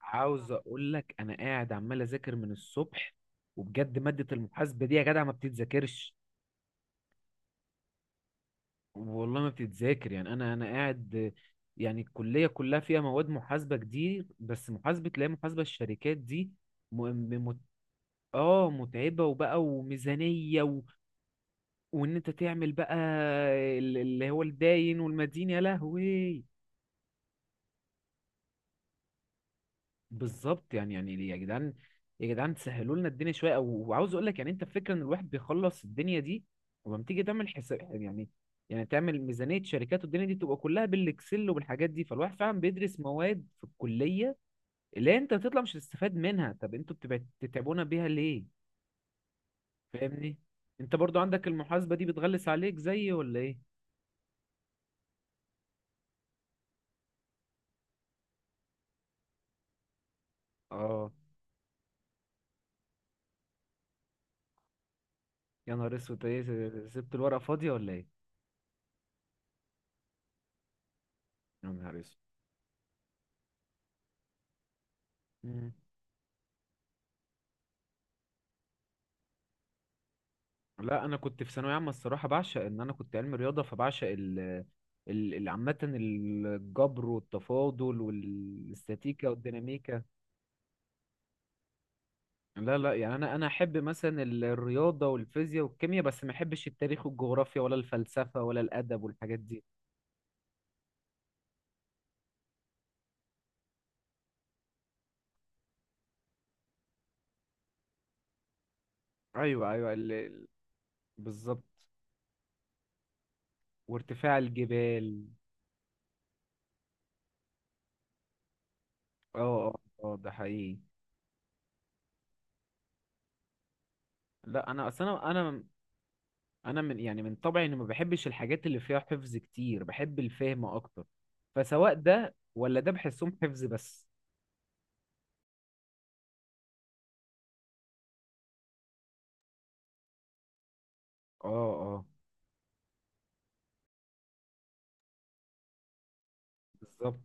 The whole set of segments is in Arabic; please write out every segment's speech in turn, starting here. عاوز اقول لك انا قاعد عمال اذاكر من الصبح، وبجد مادة المحاسبة دي يا جدع ما بتتذاكرش. والله ما بتتذاكر، يعني انا قاعد. يعني الكلية كلها فيها مواد محاسبة كتير، بس محاسبة، لا، محاسبة الشركات دي م... م... مت... اه متعبة وبقى وميزانية وان انت تعمل بقى، اللي هو الداين والمدين، يا لهوي. بالظبط، يعني يا جدعان، يا جدعان تسهلوا لنا الدنيا شويه وعاوز اقول لك، يعني انت الفكره ان الواحد بيخلص الدنيا دي، ولما تيجي تعمل حساب، يعني يعني تعمل ميزانيه شركات، والدنيا دي تبقى كلها بالاكسل وبالحاجات دي، فالواحد فعلا بيدرس مواد في الكليه اللي انت بتطلع مش هتستفاد منها. طب انتوا بتتعبونا بيها ليه؟ فاهمني. انت برضو عندك المحاسبه دي بتغلس عليك زي ولا ايه؟ اه، يا نهار اسود، ايه، سبت الورقه فاضيه ولا ايه؟ يا نهار اسود. مم. لا، انا كنت في ثانويه عامه الصراحه بعشق ان انا كنت علم رياضه، فبعشق عامه، الجبر والتفاضل والاستاتيكا والديناميكا. لا، لا، يعني انا احب مثلا الرياضه والفيزياء والكيمياء، بس ما احبش التاريخ والجغرافيا، ولا الفلسفه ولا الادب والحاجات دي. ايوه، ايوه، بالظبط. وارتفاع الجبال. اه، اه، ده حقيقي. لا، انا اصل انا من، يعني من طبعي اني ما بحبش الحاجات اللي فيها حفظ كتير، بحب الفهم اكتر. فسواء ده ولا ده بحسهم حفظ بس. اه، اه، بالظبط.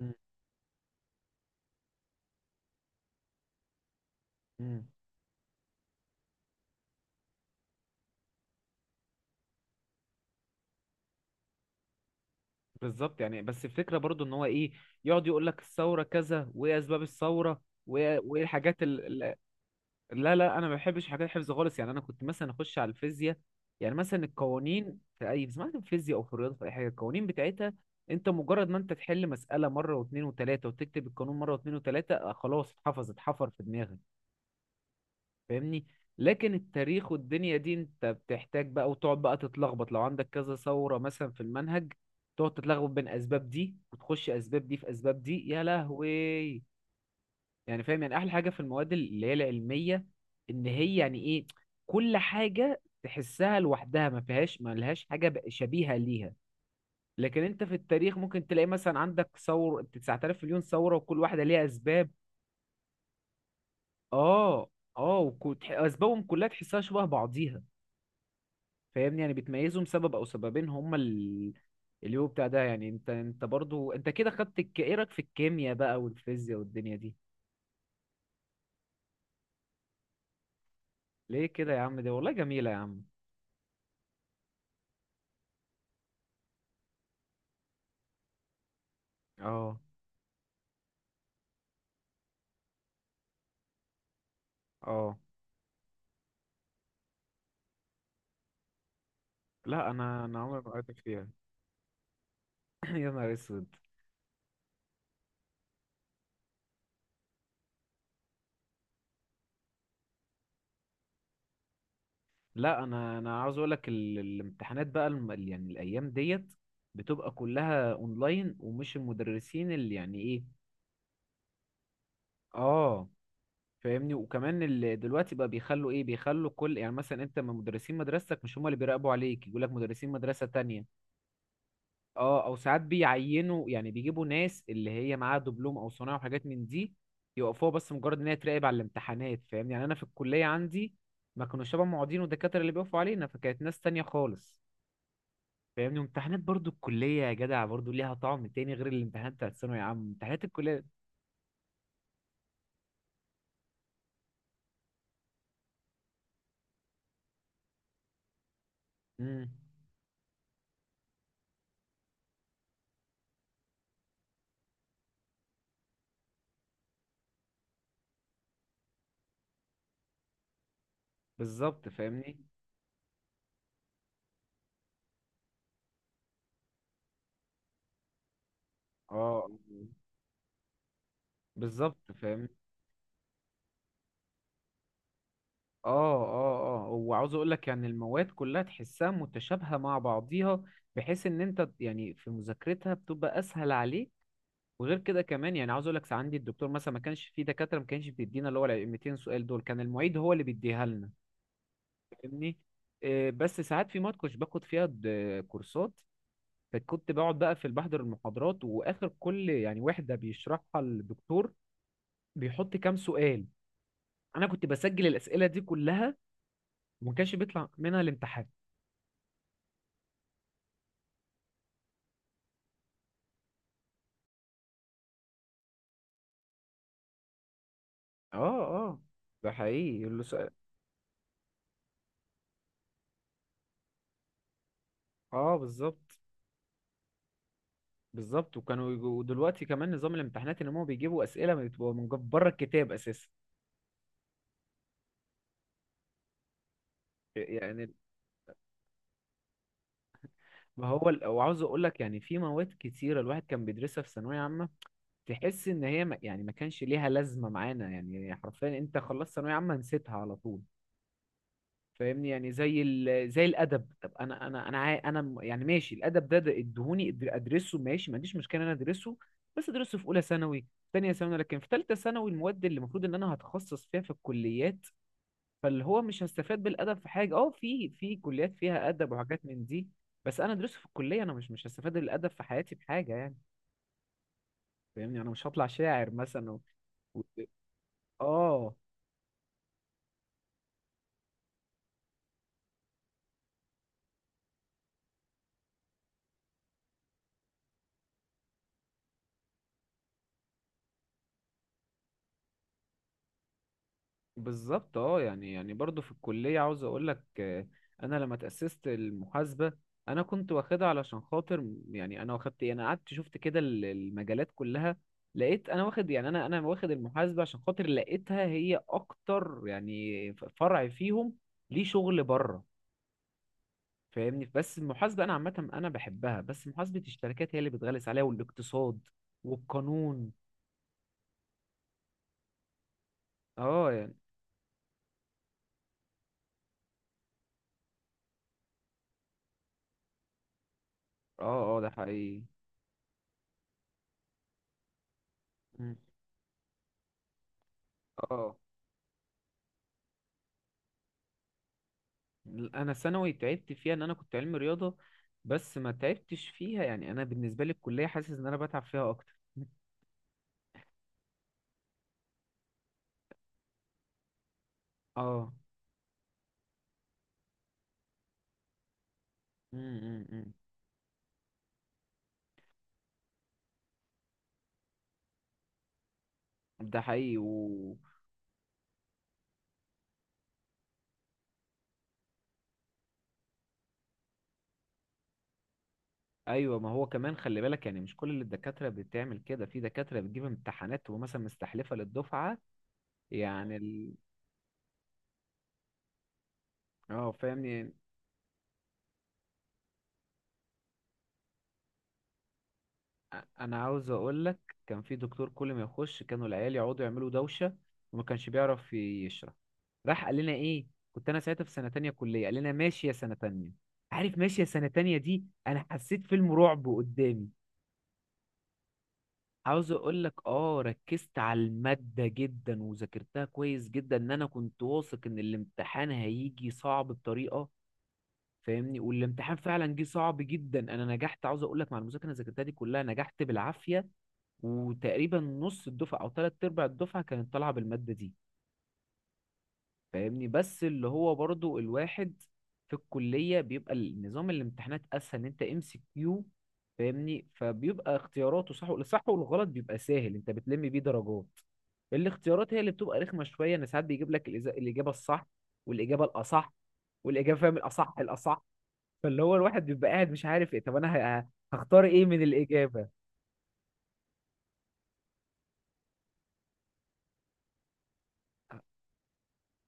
مم، مم. بالظبط، يعني بس الفكره برضو ان هو ايه، يقعد يقول لك الثوره كذا وايه اسباب الثوره وايه وإيه الحاجات لا، لا، انا ما بحبش حاجات الحفظ خالص، يعني انا كنت مثلا اخش على الفيزياء. يعني مثلا القوانين في اي، سمعت في فيزياء او في رياضه في اي حاجه القوانين بتاعتها، انت مجرد ما انت تحل مساله مره واثنين وثلاثه، وتكتب القانون مره واثنين وثلاثه، خلاص، اتحفظ، اتحفر في دماغك. فاهمني. لكن التاريخ والدنيا دي انت بتحتاج بقى، وتقعد بقى تتلخبط لو عندك كذا ثوره مثلا في المنهج. تقعد تتلخبط بين اسباب دي، وتخش اسباب دي في اسباب دي، يا لهوي. يعني فاهم، يعني احلى حاجه في المواد اللي هي العلميه ان هي يعني ايه، كل حاجه تحسها لوحدها، ما فيهاش، ما لهاش حاجه شبيهه ليها. لكن انت في التاريخ ممكن تلاقي مثلا عندك 9000 مليون ثوره، وكل واحده ليها اسباب. اه، اه، اسبابهم كلها تحسها شبه بعضيها. فاهمني، يعني بتميزهم سبب او سببين هما اللي هو بتاع ده، يعني انت برضو انت كده خدت، ايه رايك في الكيمياء بقى والفيزياء والدنيا دي؟ ليه كده يا عم، ده والله جميله يا عم. اه، اه، لا انا عمري ما قعدت فيها. يا نهار اسود. لا، انا عاوز اقول لك الامتحانات بقى يعني الايام ديت بتبقى كلها اونلاين، ومش المدرسين اللي يعني ايه. اه، فاهمني، وكمان اللي دلوقتي بقى بيخلوا ايه، بيخلوا كل، يعني مثلا انت من مدرسين مدرستك مش هم اللي بيراقبوا عليك، يقول لك مدرسين مدرسة تانية. اه، او ساعات بيعينوا، يعني بيجيبوا ناس اللي هي معاها دبلوم او صنايع وحاجات من دي، يوقفوها بس مجرد ان هي تراقب على الامتحانات، فاهم؟ يعني انا في الكليه عندي ما كانوا شبه معيدين ودكاتره اللي بيقفوا علينا، فكانت ناس تانية خالص. فاهمني، وامتحانات برضو الكليه يا جدع برضو ليها طعم تاني غير الامتحانات بتاعت الثانوي يا عم، امتحانات الكليه. امم. بالظبط فاهمني. اه، بالظبط فاهمني. اه، اه، اه، وعاوز اقول لك يعني المواد كلها تحسها متشابهة مع بعضيها، بحيث ان انت يعني في مذاكرتها بتبقى اسهل عليك. وغير كده كمان، يعني عاوز اقول لك، عندي الدكتور مثلا، ما كانش في دكاترة ما كانش بيدينا اللي هو ال 200 سؤال دول، كان المعيد هو اللي بيديها لنا. فاهمني. بس ساعات في مواد كنتش باخد فيها كورسات، فكنت بقعد بقى في، بحضر المحاضرات، واخر كل يعني وحدة بيشرحها الدكتور بيحط كام سؤال، انا كنت بسجل الاسئلة دي كلها، وما كانش بيطلع منها الامتحان. اه، اه، ده حقيقي، اللي اه، بالظبط. بالظبط، وكانوا ودلوقتي كمان نظام الامتحانات ان هم بيجيبوا اسئله بتبقى من بره الكتاب اساسا. يعني ما هو وعاوز اقول لك يعني في مواد كتيره الواحد كان بيدرسها في ثانويه عامه، تحس ان هي ما... يعني ما كانش ليها لازمه معانا، يعني حرفيا انت خلصت ثانويه عامه نسيتها على طول. فاهمني، يعني زي زي الادب. طب انا انا انا عا- انا م- يعني ماشي، الادب ده ادهوني ادرسه، ماشي، ما عنديش مشكله ان انا ادرسه. بس ادرسه في اولى ثانوي ثانيه ثانوي، لكن في ثالثه ثانوي المواد اللي المفروض ان انا هتخصص فيها في الكليات، فاللي هو مش هستفاد بالادب في حاجه، في كليات فيها ادب وحاجات من دي. بس انا ادرسه في الكليه، انا مش هستفاد بالادب في حياتي بحاجه يعني. فاهمني، انا مش هطلع شاعر مثلا و... اه، بالظبط. اه، يعني برضو في الكلية عاوز اقول لك، انا لما تأسست المحاسبة، انا كنت واخدها علشان خاطر يعني انا واخدت، انا قعدت شفت كده المجالات كلها، لقيت انا واخد، يعني انا واخد المحاسبة عشان خاطر لقيتها هي اكتر يعني فرع فيهم، ليه شغل بره. فاهمني، بس المحاسبة انا عامة انا بحبها، بس محاسبة الشركات هي اللي بتغلس عليها، والاقتصاد، والقانون. اه، يعني، اه، اه، ده حقيقي. مم. اه، انا ثانوي تعبت فيها ان انا كنت علمي رياضه، بس ما تعبتش فيها، يعني انا بالنسبه لي الكليه حاسس ان انا بتعب فيها اكتر. اه، امم، إمم. ده حقيقي ايوه، ما هو كمان خلي بالك، يعني مش كل الدكاتره بتعمل كده، في دكاتره بتجيب امتحانات ومثلا مستحلفه للدفعه، يعني ال... اه فاهمني، انا عاوز اقول لك، كان في دكتور كل ما يخش كانوا العيال يقعدوا يعملوا دوشه، وما كانش بيعرف يشرح. راح قال لنا ايه، كنت انا ساعتها في سنه تانية كليه، قال لنا: ماشي يا سنه تانية. عارف، ماشي يا سنه تانية دي انا حسيت فيلم رعب قدامي. عاوز اقول لك، ركزت على الماده جدا وذاكرتها كويس جدا، ان انا كنت واثق ان الامتحان هيجي صعب بطريقه. فاهمني، والامتحان فعلا جه صعب جدا، انا نجحت عاوز اقول لك، مع المذاكره اللي ذاكرتها دي كلها نجحت بالعافيه، وتقريبا نص الدفعة أو تلات أرباع الدفعة كانت طالعة بالمادة دي. فاهمني، بس اللي هو برضو الواحد في الكلية بيبقى النظام الامتحانات أسهل، إن أنت MCQ. فاهمني، فبيبقى اختياراته صح، الصح والغلط بيبقى سهل، أنت بتلم بيه درجات. الاختيارات هي اللي بتبقى رخمة شوية، إن ساعات بيجيب لك الإجابة الصح، والإجابة الأصح، والإجابة، فاهم، الأصح الأصح. فاللي هو الواحد بيبقى قاعد مش عارف إيه، طب أنا هختار إيه من الإجابة؟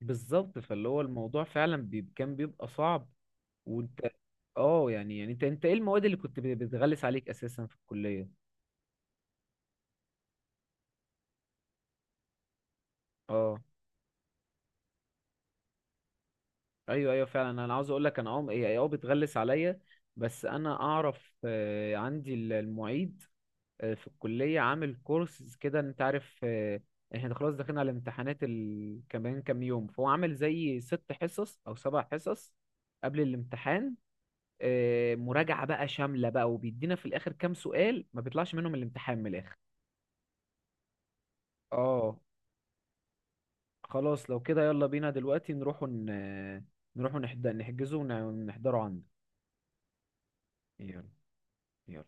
بالظبط، فاللي هو الموضوع فعلا كان بيبقى صعب. وانت، اه يعني انت ايه المواد اللي كنت بتغلس عليك اساسا في الكليه؟ اه، ايوه، ايوه، فعلا انا عاوز اقول لك، انا هي بتغلس عليا، بس انا اعرف، عندي المعيد، في الكليه عامل كورس كده، انت عارف، احنا خلاص داخلين على الامتحانات كمان كام يوم، فهو عامل زي 6 حصص او 7 حصص قبل الامتحان، مراجعة بقى شاملة بقى، وبيدينا في الآخر كام سؤال ما بيطلعش منهم الامتحان من الآخر. اه، خلاص لو كده يلا بينا دلوقتي نروحوا نحجزه ونحضره عندك. يلا، يلا.